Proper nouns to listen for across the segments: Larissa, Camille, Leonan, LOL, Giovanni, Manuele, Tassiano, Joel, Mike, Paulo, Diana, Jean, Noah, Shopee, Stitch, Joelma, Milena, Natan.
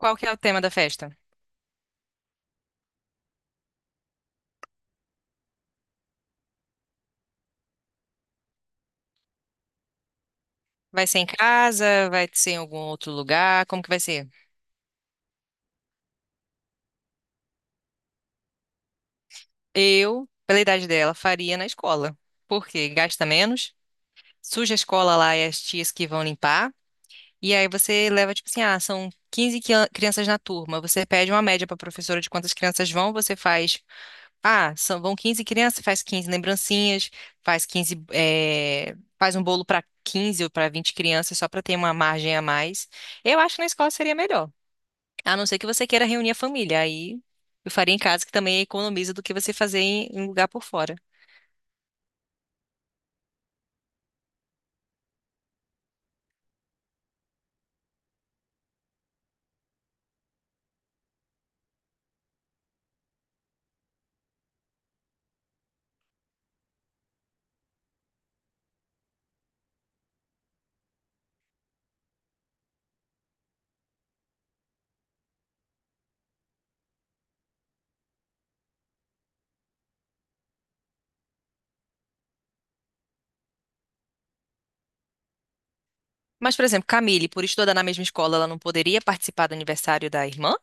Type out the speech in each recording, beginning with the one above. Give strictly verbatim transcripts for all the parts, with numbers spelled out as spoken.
Qual que é o tema da festa? Vai ser em casa? Vai ser em algum outro lugar? Como que vai ser? Eu, pela idade dela, faria na escola. Porque gasta menos, suja a escola lá e as tias que vão limpar. E aí você leva, tipo assim, ah, são quinze qui- crianças na turma. Você pede uma média para a professora de quantas crianças vão, você faz. Ah, são, vão quinze crianças, faz quinze lembrancinhas, faz quinze. eh, faz um bolo para quinze ou para vinte crianças, só para ter uma margem a mais. Eu acho que na escola seria melhor. A não ser que você queira reunir a família, aí eu faria em casa, que também economiza do que você fazer em, em lugar por fora. Mas, por exemplo, Camille, por estudar na mesma escola, ela não poderia participar do aniversário da irmã?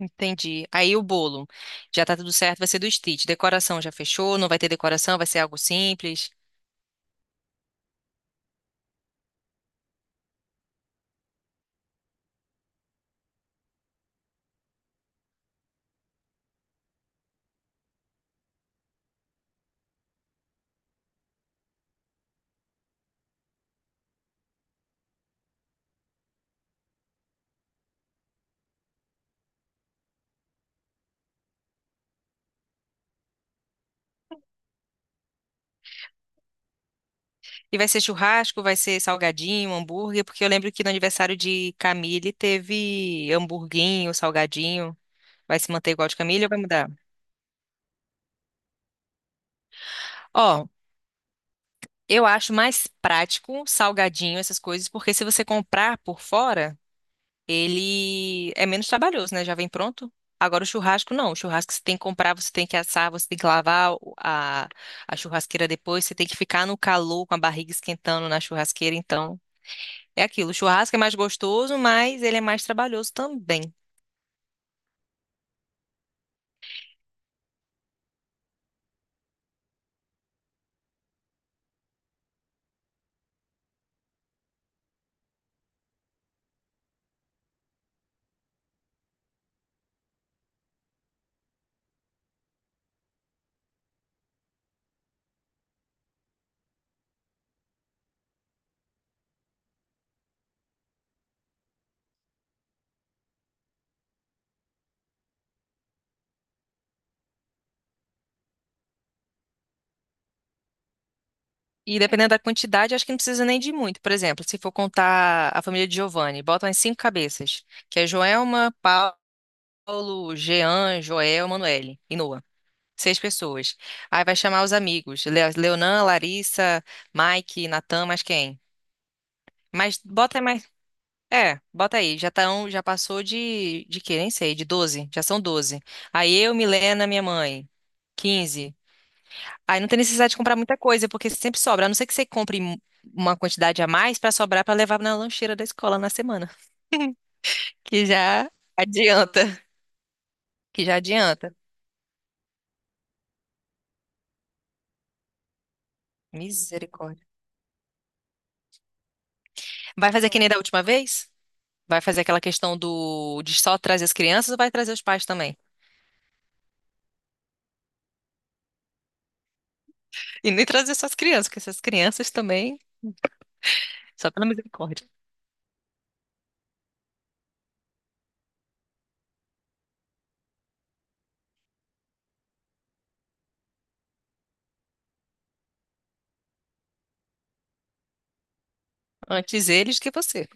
Entendi. Aí o bolo, já tá tudo certo, vai ser do Stitch. Decoração já fechou, não vai ter decoração, vai ser algo simples. E vai ser churrasco, vai ser salgadinho, hambúrguer, porque eu lembro que no aniversário de Camille teve hamburguinho, salgadinho. Vai se manter igual de Camille ou vai mudar? Ó, Eu acho mais prático, salgadinho, essas coisas, porque se você comprar por fora, ele é menos trabalhoso, né? Já vem pronto. Agora o churrasco não. O churrasco você tem que comprar, você tem que assar, você tem que lavar o- a, a churrasqueira depois, você tem que ficar no calor com a barriga esquentando na churrasqueira. Então, é aquilo. O churrasco é mais gostoso, mas ele é mais trabalhoso também. E dependendo da quantidade, acho que não precisa nem de muito. Por exemplo, se for contar a família de Giovanni, bota umas cinco cabeças, que é Joelma, Paulo. Paulo, Jean, Joel, Manuele e Noah. Seis pessoas. Aí vai chamar os amigos. Le- Leonan, Larissa, Mike, Natan, mais quem? Mas bota mais. É, bota aí. Já tão, já passou de, de quê? Nem sei, de doze. Já são doze. Aí eu, Milena, minha mãe. Quinze. Aí não tem necessidade de comprar muita coisa, porque sempre sobra. A não ser que você compre mu- uma quantidade a mais para sobrar para levar na lancheira da escola na semana. Que já adianta. Que já adianta. Misericórdia. Vai fazer que nem da última vez? Vai fazer aquela questão do de só trazer as crianças ou vai trazer os pais também? E nem trazer só as crianças, porque essas crianças também, só pela misericórdia. Antes eles que você.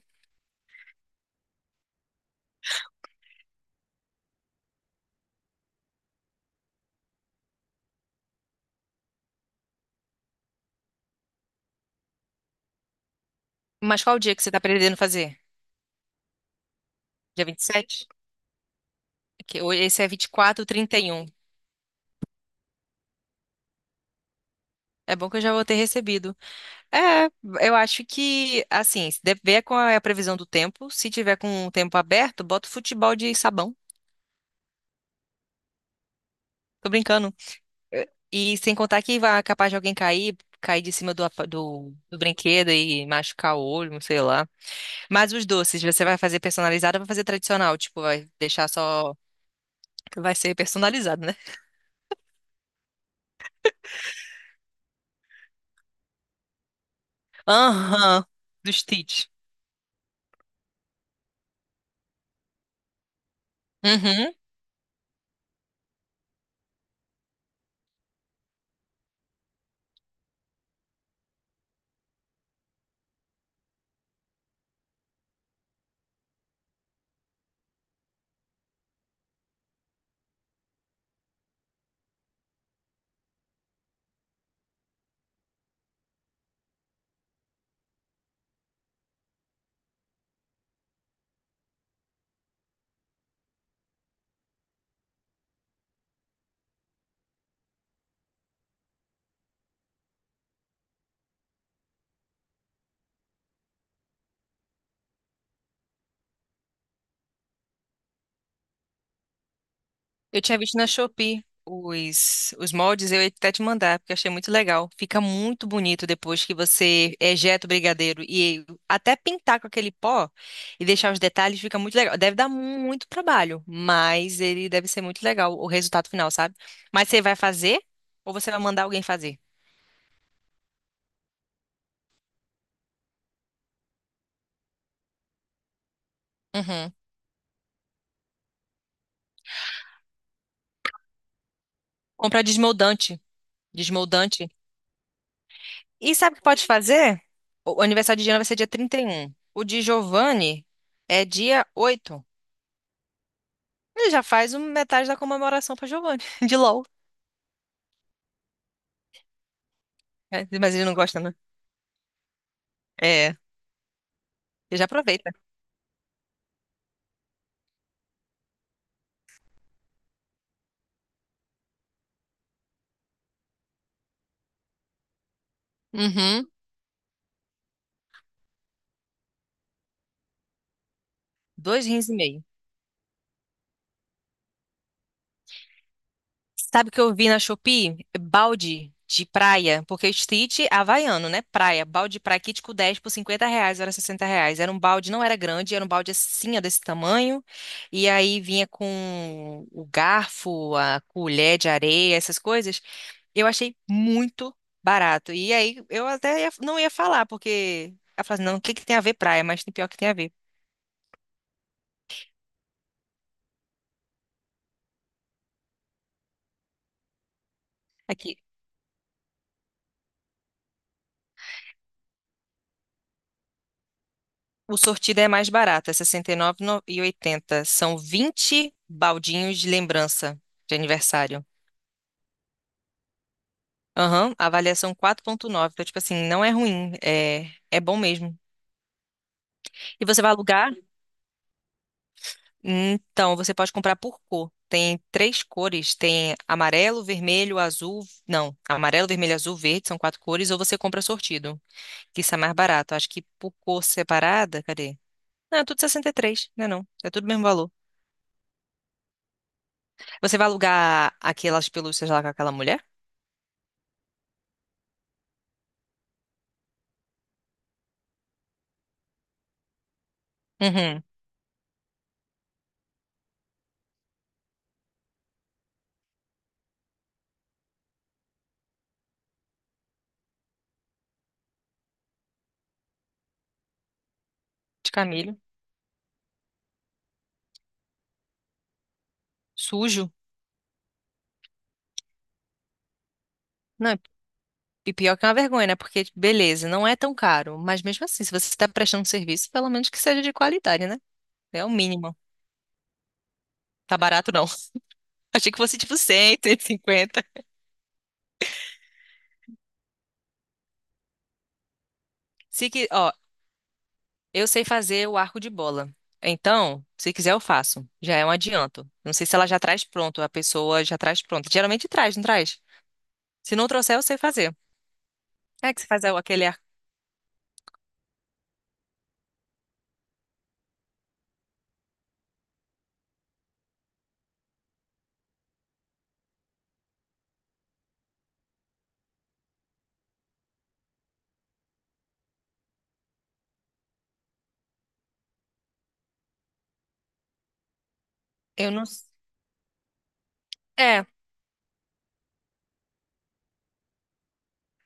Mas qual o dia que você está pretendendo fazer? Dia vinte e sete? Que hoje- Esse é vinte e quatro, trinta e um? É bom que eu já vou ter recebido. É, eu acho que, assim, se deve ver qual é a previsão do tempo. Se tiver com o tempo aberto, bota o futebol de sabão. Tô brincando. É. E sem contar que vai capaz de alguém cair, cair de cima do, apa- do, do brinquedo e machucar o olho, sei lá. Mas os doces, você vai fazer personalizado ou vai fazer tradicional? Tipo, vai deixar só. Vai ser personalizado, né? Aham, do Stitch. Uhum. Eu tinha visto na Shopee os, os moldes, eu ia até te mandar, porque eu achei muito legal. Fica muito bonito depois que você ejeta o brigadeiro e até pintar com aquele pó e deixar os detalhes, fica muito legal. Deve dar muito trabalho, mas ele deve ser muito legal, o resultado final, sabe? Mas você vai fazer ou você vai mandar alguém fazer? Uhum. Comprar desmoldante. Desmoldante. E sabe o que pode fazer? O o aniversário de Diana vai ser dia trinta e um. O de Giovanni é dia oito. Ele já faz um- metade da comemoração pra Giovanni, de LOL. É, mas ele não gosta, né? É, ele já aproveita. Uhum. Dois rins e meio. Sabe o que eu vi na Shopee? Balde de praia, porque street é havaiano, né? Praia. Balde de praia, kit com dez por cinquenta reais, era sessenta reais. Era um balde, não era grande, era um balde assim, ó, desse tamanho. E aí vinha com o garfo, a colher de areia, essas coisas. Eu achei muito barato. E aí eu até ia- não ia falar, porque ela falou assim, não, o que que tem a ver praia? Mas tem pior que tem a ver. Aqui, o sortido é mais barato, é R$ sessenta e nove e oitenta. São vinte baldinhos de lembrança de aniversário. Aham, avaliação quatro ponto nove. Então, tipo assim, não é ruim, é, é bom mesmo. E você vai alugar? Então, você pode comprar por cor. Tem três cores, tem amarelo, vermelho, azul. Não, amarelo, vermelho, azul, verde, são quatro cores, ou você compra sortido, que isso é mais barato. Acho que por cor separada, cadê? Não, é tudo sessenta e três, né não? É tudo o mesmo valor. Você vai alugar aquelas pelúcias lá com aquela mulher? Uhum. De camelo. Sujo. Não, e pior que é uma vergonha, né? Porque, beleza, não é tão caro. Mas mesmo assim, se você está prestando serviço, pelo menos que seja de qualidade, né? É o mínimo. Tá barato, não. Achei que fosse tipo cem, cento e cinquenta. Se que, ó, eu sei fazer o arco de bola. Então, se quiser, eu faço. Já é um adianto. Não sei se ela já traz pronto, a pessoa já traz pronto. Geralmente traz, não traz? Se não trouxer, eu sei fazer. É que você faz aquele arco. Eu não. É,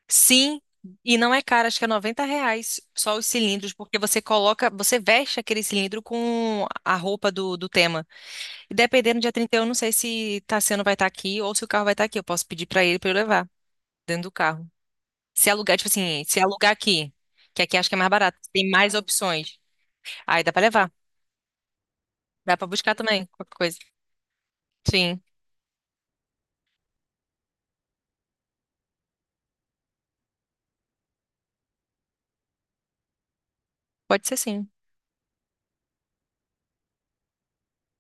Sim, e não é caro, acho que é noventa reais só os cilindros, porque você coloca, você veste aquele cilindro com a roupa do, do tema. E dependendo do dia trinta e um, eu não sei se Tassiano vai estar aqui ou se o carro vai estar aqui. Eu posso pedir para ele para eu levar dentro do carro. Se alugar, tipo assim, se alugar aqui, que aqui acho que é mais barato, tem mais opções. Aí dá para levar, dá para buscar também, qualquer coisa. Sim, pode ser sim.